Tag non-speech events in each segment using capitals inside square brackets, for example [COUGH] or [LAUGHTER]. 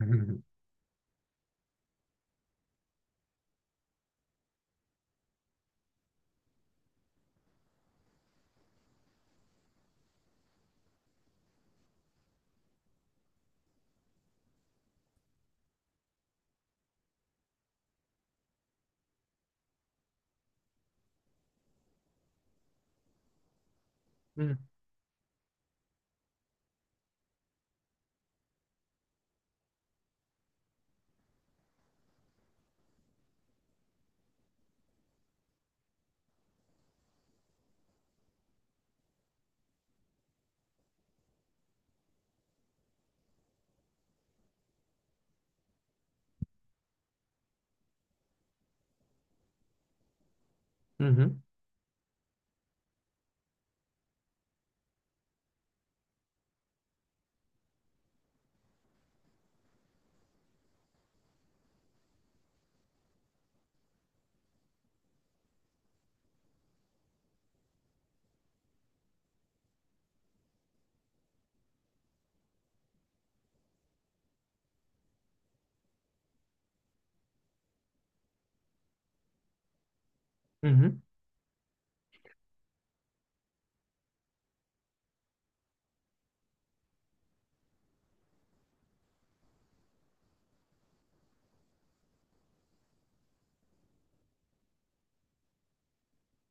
Uhum, uhum, uhum,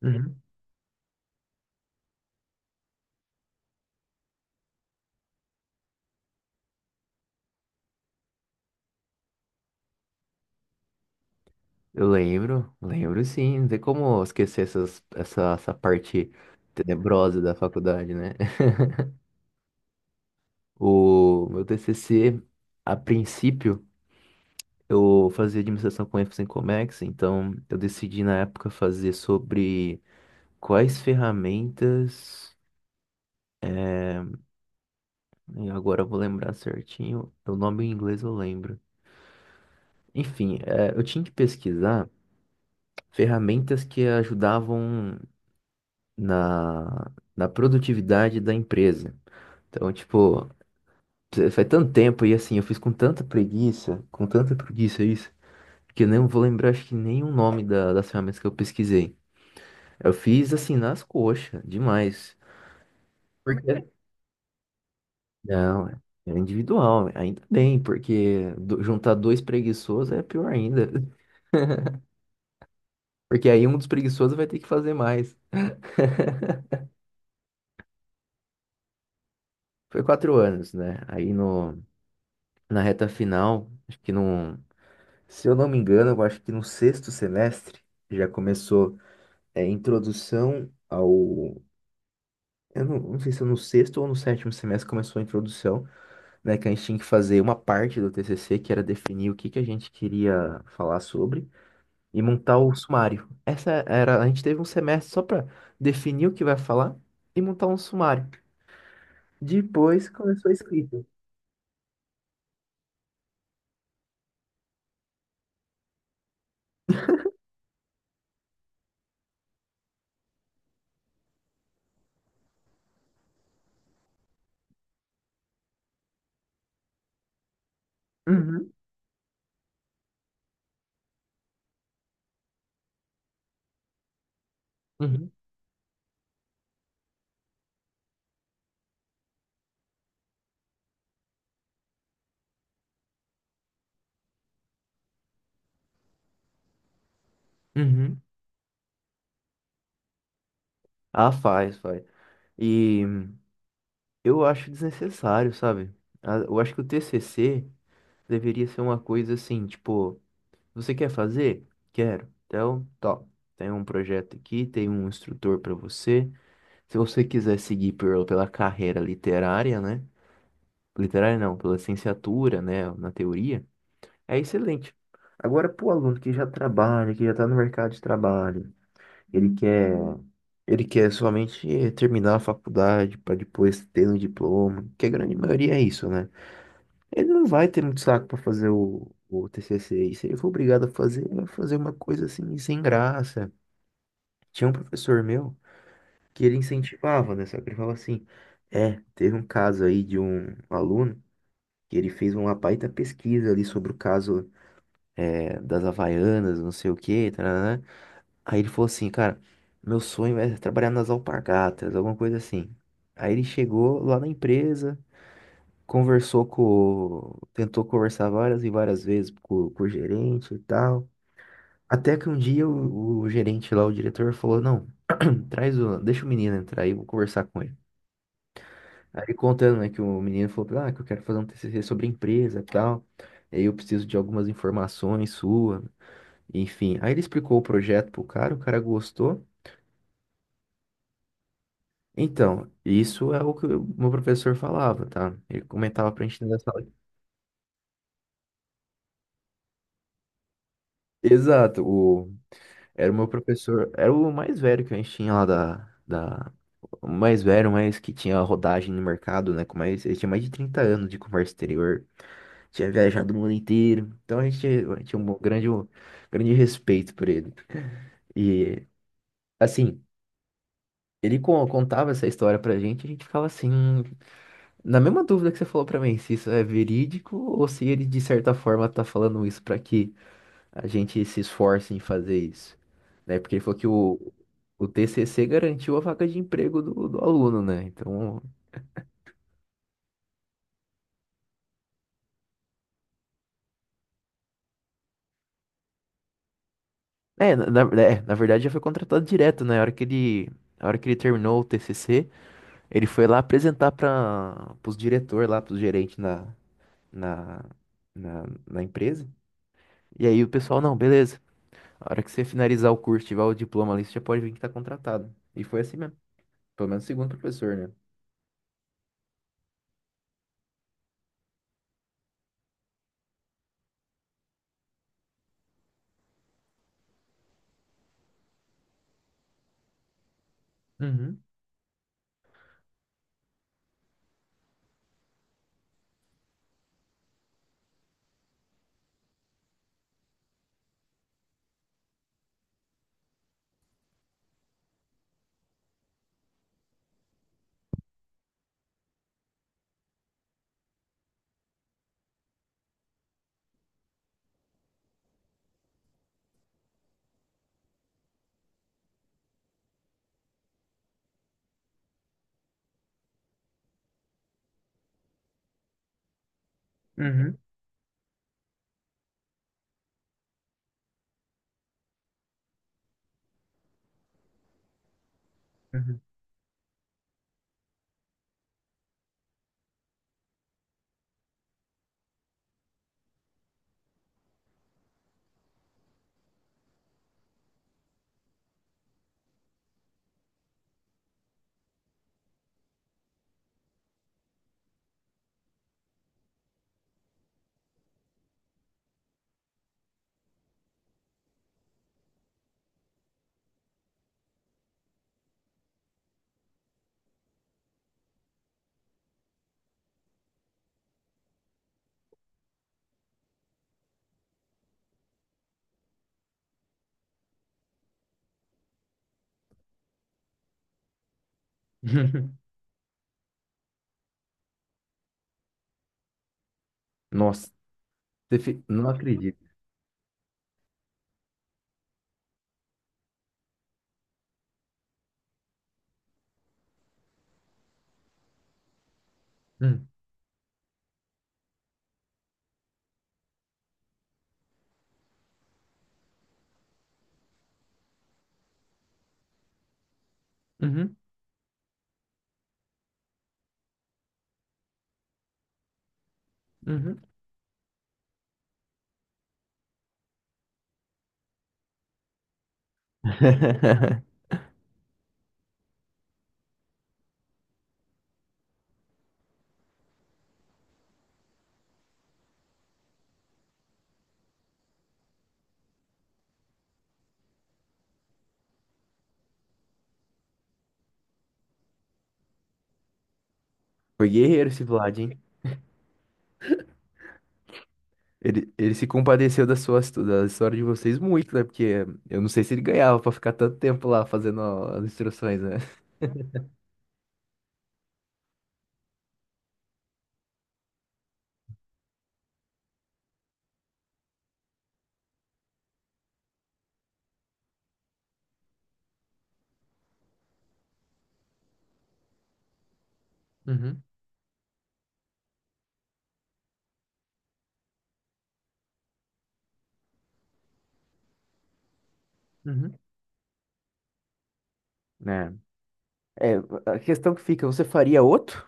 uhum. Eu lembro, lembro sim. Não tem como esquecer essa parte tenebrosa da faculdade, né? [LAUGHS] O meu TCC, a princípio, eu fazia administração com ênfase em Comex, então eu decidi na época fazer sobre quais ferramentas. E Agora eu vou lembrar certinho, o nome em inglês eu lembro. Enfim, eu tinha que pesquisar ferramentas que ajudavam. na, na produtividade da empresa. Então, tipo, faz tanto tempo e assim, eu fiz com tanta preguiça isso, que eu não vou lembrar acho que nem o nome das ferramentas que eu pesquisei. Eu fiz assim nas coxas, demais. Por quê? Não, é individual, ainda bem, porque juntar dois preguiçosos é pior ainda. [LAUGHS] Porque aí um dos preguiçosos vai ter que fazer mais. [LAUGHS] Foi 4 anos, né? Aí no, na reta final, acho que não. Se eu não me engano, eu acho que no sexto semestre já começou introdução ao. Eu não sei se é no sexto ou no sétimo semestre começou a introdução, né? Que a gente tinha que fazer uma parte do TCC, que era definir o que que a gente queria falar sobre e montar o sumário. A gente teve um semestre só para definir o que vai falar e montar um sumário. Depois começou a escrita. Uhum, uhum, uhum. Ah, faz, faz. E eu acho desnecessário, sabe? Eu acho que o TCC deveria ser uma coisa assim, tipo, você quer fazer? Quero. Então, top. Tem um projeto aqui, tem um instrutor para você. Se você quiser seguir pela carreira literária, né? Literária não, pela licenciatura, né, na teoria, é excelente. Agora, pro aluno que já trabalha, que já tá no mercado de trabalho, ele quer, ele quer somente terminar a faculdade para depois ter um diploma, que a grande maioria é isso, né? Ele não vai ter muito saco para fazer o TCC. E se ele for obrigado a fazer, ele vai fazer uma coisa assim, sem graça. Tinha um professor meu que ele incentivava, né? Só que ele falava assim: teve um caso aí de um aluno que ele fez uma baita pesquisa ali sobre o caso das Havaianas, não sei o quê, tarará. Aí ele falou assim: cara, meu sonho é trabalhar nas alpargatas, alguma coisa assim. Aí ele chegou lá na empresa. Conversou com. Tentou conversar várias e várias vezes com o gerente e tal. Até que um dia o gerente lá, o diretor, falou: não, [CLEARS THROAT] traz o. Deixa o menino entrar aí, eu vou conversar com ele. Aí ele contando, né, que o menino falou: pra ele, ah, que eu quero fazer um TCC sobre a empresa e tal. E aí eu preciso de algumas informações sua. Enfim. Aí ele explicou o projeto pro cara, o cara gostou. Então, isso é o que o meu professor falava, tá? Ele comentava pra gente dentro da sala. Exato, o era o meu professor, era o mais velho que a gente tinha lá da... O mais velho, mas que tinha rodagem no mercado, né? Ele tinha mais de 30 anos de comércio exterior, tinha viajado o mundo inteiro. Então a gente tinha um grande respeito por ele. E, assim, ele contava essa história pra gente, a gente ficava assim, na mesma dúvida que você falou pra mim, se isso é verídico ou se ele, de certa forma, tá falando isso pra que a gente se esforça em fazer isso, né? Porque ele falou que o TCC garantiu a vaga de emprego do aluno, né? Então, na verdade já foi contratado direto, né? A hora que ele terminou o TCC, ele foi lá apresentar para os diretores lá, para os gerentes na, na, na empresa. E aí o pessoal, não, beleza. A hora que você finalizar o curso, tiver o diploma ali, você já pode vir que tá contratado. E foi assim mesmo. Pelo menos segundo o professor, né? Uhum. Uhum, uhum. [LAUGHS] Nossa, não acredito. Hum, uhum, uhum. [LAUGHS] Foi guerreiro esse Vlad, hein? Ele se compadeceu da história de vocês muito, né? Porque eu não sei se ele ganhava pra ficar tanto tempo lá fazendo as instruções, né? Uhum, uhum. Né? É, a questão que fica, você faria outro?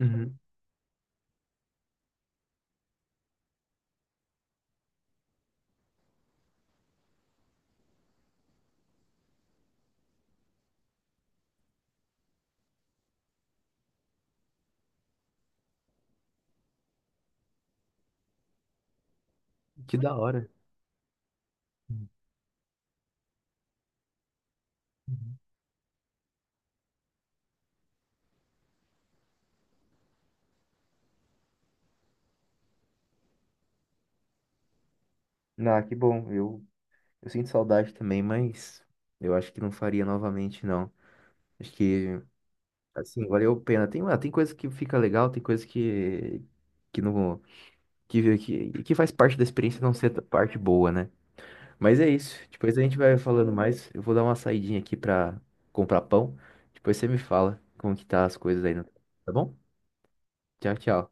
Uhum. Que da hora. Uhum. Ah, que bom. Eu sinto saudade também, mas eu acho que não faria novamente, não. Acho que assim, valeu a pena. Tem, ah, tem coisa que fica legal, tem coisa que não, que faz parte da experiência não ser parte boa, né? Mas é isso. Depois a gente vai falando mais. Eu vou dar uma saidinha aqui pra comprar pão. Depois você me fala como que tá as coisas aí, tá bom? Tchau, tchau.